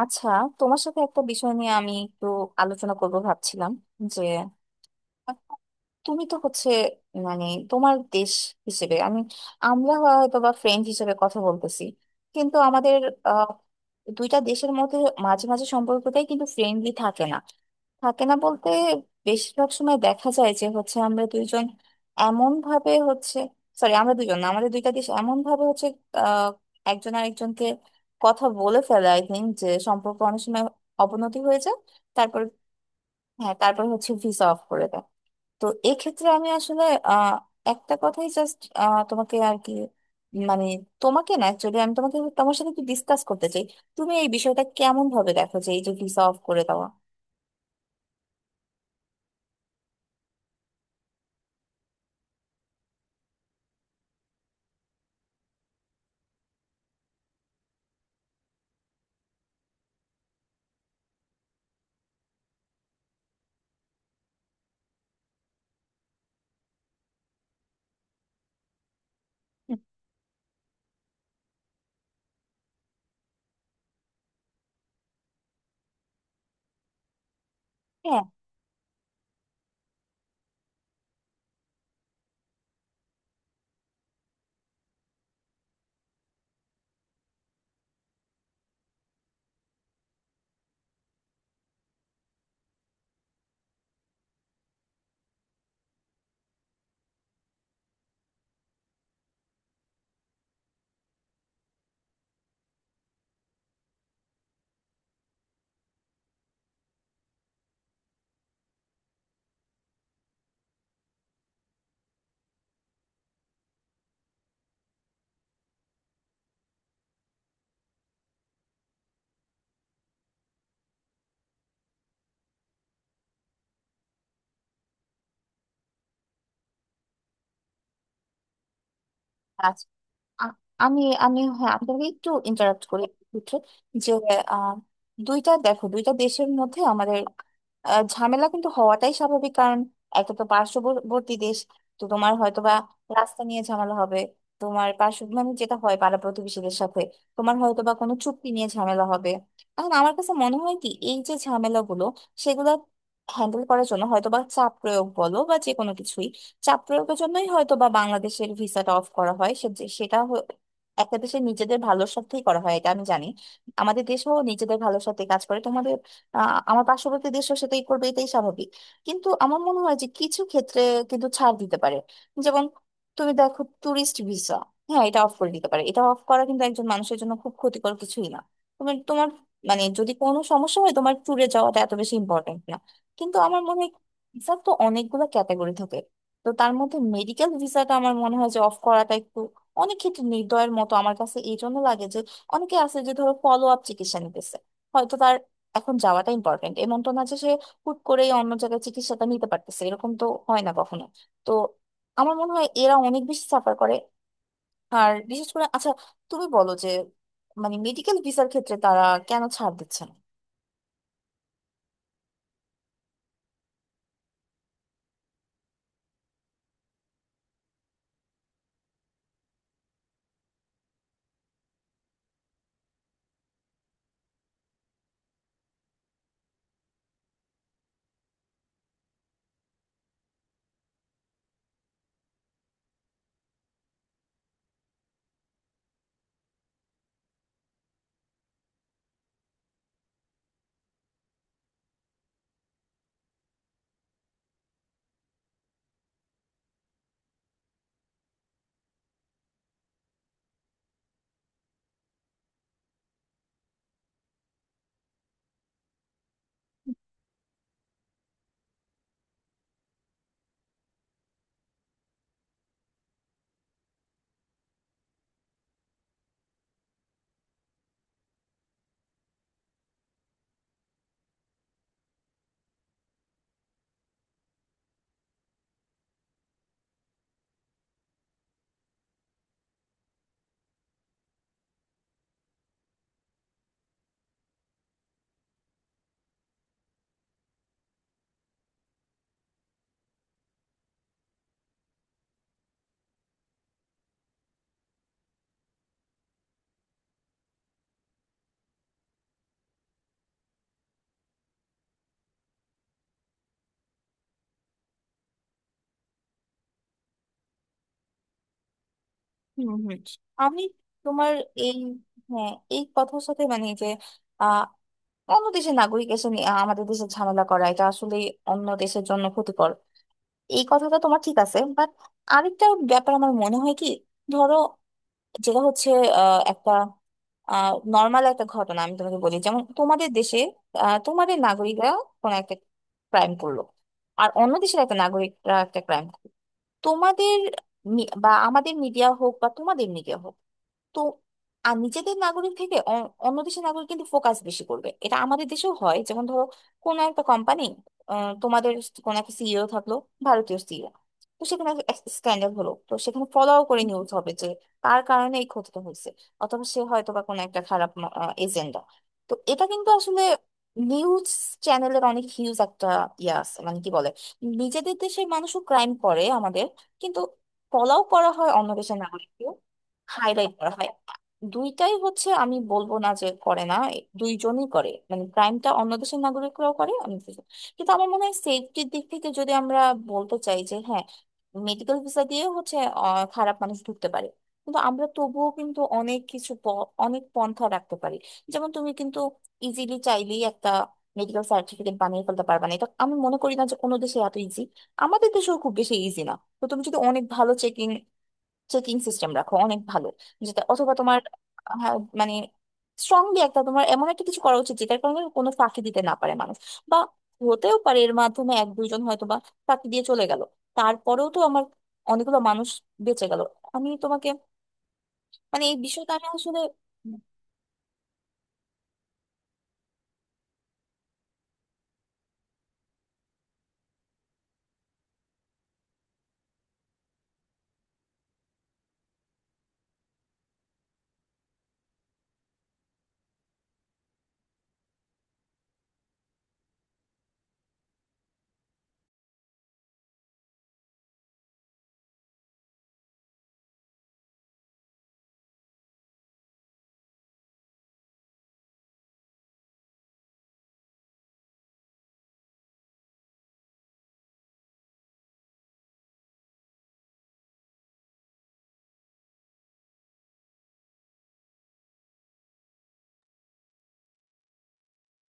আচ্ছা, তোমার সাথে একটা বিষয় নিয়ে আমি একটু আলোচনা করব ভাবছিলাম যে তুমি তো হচ্ছে, মানে তোমার দেশ হিসেবে আমি, আমরা হয়তো বা ফ্রেন্ড হিসেবে কথা বলতেছি, কিন্তু আমাদের আহ, দুইটা দেশের মধ্যে মাঝে মাঝে সম্পর্কটাই কিন্তু ফ্রেন্ডলি থাকে না। থাকে না বলতে, বেশিরভাগ সময় দেখা যায় যে হচ্ছে আমরা দুইজন এমন ভাবে হচ্ছে, সরি আমরা দুজন না, আমাদের দুইটা দেশ এমন ভাবে হচ্ছে আহ, একজন আরেকজনকে কথা বলে ফেলে, আই থিঙ্ক যে সম্পর্ক অনেক সময় অবনতি হয়ে যায়। তারপর হ্যাঁ, তারপর হচ্ছে ভিসা অফ করে দেয়। তো এক্ষেত্রে আমি আসলে আহ একটা কথাই জাস্ট তোমাকে, আর কি মানে তোমাকে না, অ্যাকচুয়ালি আমি তোমাকে, তোমার সাথে একটু ডিসকাস করতে চাই, তুমি এই বিষয়টা কেমন ভাবে দেখো যে এই যে ভিসা অফ করে দেওয়া। হ্যাঁ আচ্ছা। আ- আমি আমি হ্যাঁ আপনাকে একটু ইন্টারাপ্ট করি একটু, যে আহ, দুইটা দেশের মধ্যে আমাদের ঝামেলা কিন্তু হওয়াটাই স্বাভাবিক, কারণ একটা তো পার্শ্ববর্তী দেশ। তো তোমার হয়তো বা রাস্তা নিয়ে ঝামেলা হবে, তোমার পার্শ্ব মানে যেটা হয় পাড়া প্রতিবেশীদের সাথে, তোমার হয়তো বা কোনো চুক্তি নিয়ে ঝামেলা হবে। এখন আমার কাছে মনে হয় কি, এই যে ঝামেলাগুলো সেগুলো হ্যান্ডেল করার জন্য হয়তো বা চাপ প্রয়োগ বলো বা যে কোনো কিছুই, চাপ প্রয়োগের জন্যই হয়তো বা বাংলাদেশের ভিসাটা অফ করা হয়। সে যে- সেটা হ- একটা দেশের নিজেদের ভালোর স্বার্থেই করা হয়, এটা আমি জানি। আমাদের দেশও নিজেদের ভালোর স্বার্থে কাজ করে, তোমাদের আমার পার্শ্ববর্তী দেশও সেটাই করবে, এটাই স্বাভাবিক। কিন্তু আমার মনে হয় যে কিছু ক্ষেত্রে কিন্তু ছাড় দিতে পারে। যেমন তুমি দেখো ট্যুরিস্ট ভিসা, হ্যাঁ এটা অফ করে দিতে পারে, এটা অফ করা কিন্তু একজন মানুষের জন্য খুব ক্ষতিকর কিছুই না। তুমি তোমার মানে যদি কোনো সমস্যা হয়, তোমার ট্যুরে যাওয়াটা এত বেশি ইম্পর্টেন্ট না। কিন্তু আমার মনে হয় ভিসার তো অনেকগুলো ক্যাটাগরি থাকে, তো তার মধ্যে মেডিকেল ভিসাটা আমার মনে হয় যে অফ করাটা একটু অনেক ক্ষেত্রে নির্দয়ের মতো আমার কাছে এই জন্য লাগে যে অনেকে আছে যে ধরো ফলো আপ চিকিৎসা নিতেছে, হয়তো তার এখন যাওয়াটা ইম্পর্টেন্ট, এমন তো না যে সে হুট করেই অন্য জায়গায় চিকিৎসাটা নিতে পারতেছে, এরকম তো হয় না কখনো। তো আমার মনে হয় এরা অনেক বেশি সাফার করে। আর বিশেষ করে আচ্ছা, তুমি বলো যে মানে মেডিকেল ভিসার ক্ষেত্রে তারা কেন ছাড় দিচ্ছে না। হুম, হুম। আমি তোমার এই, হ্যাঁ এই কথার সাথে মানে যে অন্য দেশের নাগরিক এসে আমাদের দেশে ঝামেলা করা এটা আসলে অন্য দেশের জন্য ক্ষতিকর, এই কথাটা তোমার ঠিক আছে, বাট আরেকটা ব্যাপার আমার মনে হয় কি, ধরো যেটা হচ্ছে একটা নর্মাল একটা ঘটনা আমি তোমাকে বলি, যেমন তোমাদের দেশে তোমাদের নাগরিকরা কোনো একটা ক্রাইম করলো, আর অন্য দেশের একটা নাগরিকরা একটা ক্রাইম, তোমাদের বা আমাদের মিডিয়া হোক বা তোমাদের মিডিয়া হোক, তো আর নিজেদের নাগরিক থেকে অন্য দেশের নাগরিক কিন্তু ফোকাস বেশি করবে। এটা আমাদের দেশেও হয়, যেমন ধরো কোনো একটা কোম্পানি, তোমাদের কোনো একটা সিইও থাকলো, ভারতীয় সিইও, তো সেখানে স্ক্যান্ডাল হলো, তো সেখানে ফলো করে নিউজ হবে যে তার কারণে এই ক্ষতিটা হয়েছে, অথবা সে হয়তো বা কোনো একটা খারাপ এজেন্ডা। তো এটা কিন্তু আসলে নিউজ চ্যানেলের অনেক হিউজ একটা ইয়ে আছে, মানে কি বলে, নিজেদের দেশের মানুষও ক্রাইম করে আমাদের, কিন্তু ফলাও করা হয় অন্য দেশের নাগরিককেও, হাইলাইট করা হয়। দুইটাই হচ্ছে, আমি বলবো না যে করে না, এ দুইজনই করে মানে ক্রাইমটা অন্য দেশের নাগরিকরাও করে, অন্য দেশের- কিন্তু আমার মনে হয় সেফটির দিক থেকে যদি আমরা বলতে চাই যে হ্যাঁ, মেডিকেল ভিসা দিয়ে হচ্ছে খারাপ মানুষ ঢুকতে পারে, কিন্তু আমরা তবুও কিন্তু অনেক কিছু অনেক পন্থা রাখতে পারি। যেমন তুমি কিন্তু ইজিলি চাইলেই একটা মেডিকেল সার্টিফিকেট বানিয়ে ফেলতে পারবে না, এটা আমি মনে করি না যে কোনো দেশে এত ইজি, আমাদের দেশেও খুব বেশি ইজি না। তো তুমি যদি অনেক ভালো চেকিং চেকিং সিস্টেম রাখো, অনেক ভালো যেটা, অথবা তোমার হ্যাঁ, মানে স্ট্রংলি একটা তোমার এমন একটা কিছু করা উচিত যেটার কারণে কোনো ফাঁকি দিতে না পারে মানুষ, বা হতেও পারে এর মাধ্যমে এক দুইজন হয়তো বা ফাঁকি দিয়ে চলে গেল, তারপরেও তো আমার অনেকগুলো মানুষ বেঁচে গেল। আমি তোমাকে মানে এই বিষয়টা আমি আসলে,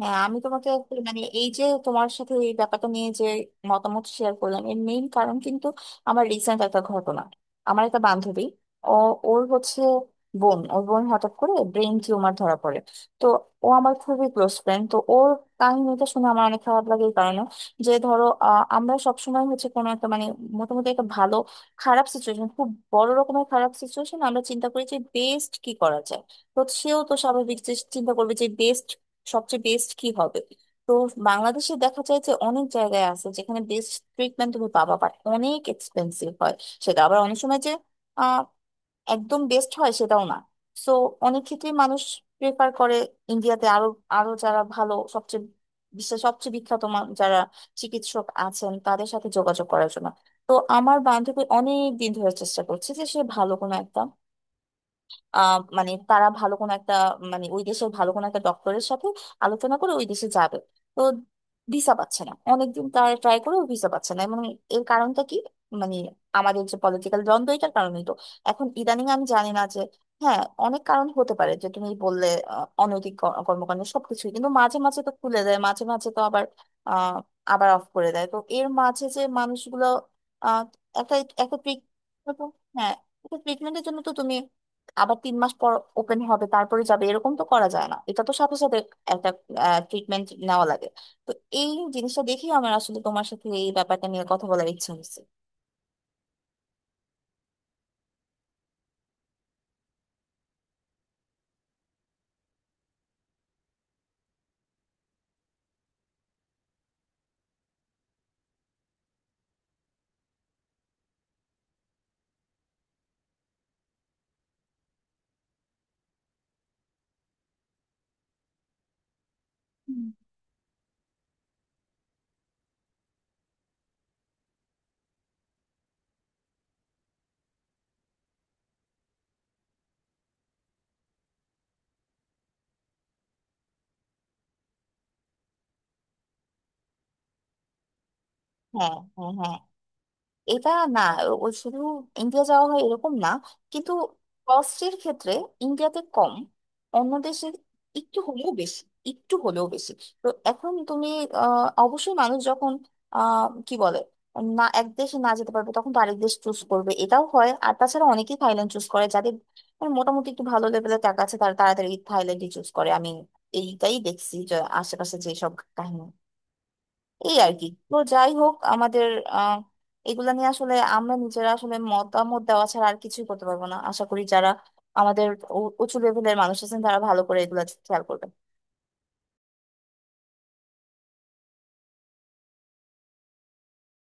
হ্যাঁ আমি তোমাকে আসলে মানে এই যে তোমার সাথে এই ব্যাপারটা নিয়ে যে মতামত শেয়ার করলাম এর মেইন কারণ কিন্তু আমার রিসেন্ট একটা ঘটনা। আমার একটা বান্ধবী, ও ওর হচ্ছে বোন, ওর বোন হঠাৎ করে ব্রেন টিউমার ধরা পড়ে। তো ও আমার খুবই ক্লোজ ফ্রেন্ড, তো ওর কাহিনীটা শুনে আমার অনেক খারাপ লাগে এই কারণে যে ধরো আমরা সবসময় হচ্ছে কোনো একটা মানে মোটামুটি একটা ভালো খারাপ সিচুয়েশন, খুব বড় রকমের খারাপ সিচুয়েশন আমরা চিন্তা করি যে বেস্ট কি করা যায়। তো সেও তো স্বাভাবিক যে চিন্তা করবে যে বেস্ট, সবচেয়ে বেস্ট কি হবে। তো বাংলাদেশে দেখা যায় যে অনেক জায়গায় আছে যেখানে বেস্ট ট্রিটমেন্ট তুমি পাবা, বাট অনেক এক্সপেন্সিভ হয়। সেটা আবার অনেক সময় যে আহ, একদম বেস্ট হয় সেটাও না। সো অনেক ক্ষেত্রেই মানুষ প্রেফার করে ইন্ডিয়াতে, আরো আরো যারা ভালো সবচেয়ে, বিশ্বের সবচেয়ে বিখ্যাত যারা চিকিৎসক আছেন তাদের সাথে যোগাযোগ করার জন্য। তো আমার বান্ধবী অনেক দিন ধরে চেষ্টা করছে যে সে ভালো কোনো একটা, আহ মানে তারা ভালো কোনো একটা মানে ওই দেশের ভালো কোনো একটা ডক্টরের সাথে আলোচনা করে ওই দেশে যাবে। তো ভিসা পাচ্ছে না, অনেকদিন তারা ট্রাই করেও ভিসা পাচ্ছে না, এবং এর কারণটা কি? মানে আমাদের যে পলিটিক্যাল দ্বন্দ্ব এটার কারণেই তো। এখন ইদানিং আমি জানি না যে, হ্যাঁ অনেক কারণ হতে পারে যে তুমি বললে অনৈতিক কর্মকাণ্ড সবকিছুই, কিন্তু মাঝে মাঝে তো খুলে দেয়, মাঝে মাঝে তো আবার আহ আবার অফ করে দেয়। তো এর মাঝে যে মানুষগুলো আহ একটা, একটা treatment- হ্যাঁ, একটা ট্রিটমেন্টের জন্য তো তুমি আবার 3 মাস পর ওপেন হবে তারপরে যাবে এরকম তো করা যায় না, এটা তো সাথে সাথে একটা ট্রিটমেন্ট নেওয়া লাগে। তো এই জিনিসটা দেখেই আমার আসলে তোমার সাথে এই ব্যাপারটা নিয়ে কথা বলার ইচ্ছা হচ্ছে। হুম। হ্যাঁ, হ্যাঁ, হ্যাঁ, এটা না, ও শুধু ইন্ডিয়া যাওয়া হয় এরকম না, কিন্তু কস্টের ক্ষেত্রে ইন্ডিয়াতে কম, অন্য দেশে একটু হলেও বেশি, একটু হলেও বেশি। তো এখন তুমি অবশ্যই মানুষ যখন কি বলে, না এক দেশে না যেতে পারবে তখন তো আরেক দেশ চুজ করবে, এটাও হয়। আর তাছাড়া অনেকেই থাইল্যান্ড চুজ করে যাদের মানে মোটামুটি একটু ভালো লেভেলের টাকা আছে, তারা তাড়াতাড়ি থাইল্যান্ডই চুজ করে। আমি এইটাই দেখছি যে আশেপাশে যেসব কাহিনী এই আর কি। তো যাই হোক আমাদের আহ এগুলা নিয়ে আসলে আমরা নিজেরা আসলে মতামত দেওয়া ছাড়া আর কিছুই করতে পারবো না। আশা করি যারা আমাদের উঁচু লেভেলের মানুষ আছেন তারা ভালো করে এগুলা খেয়াল করবে।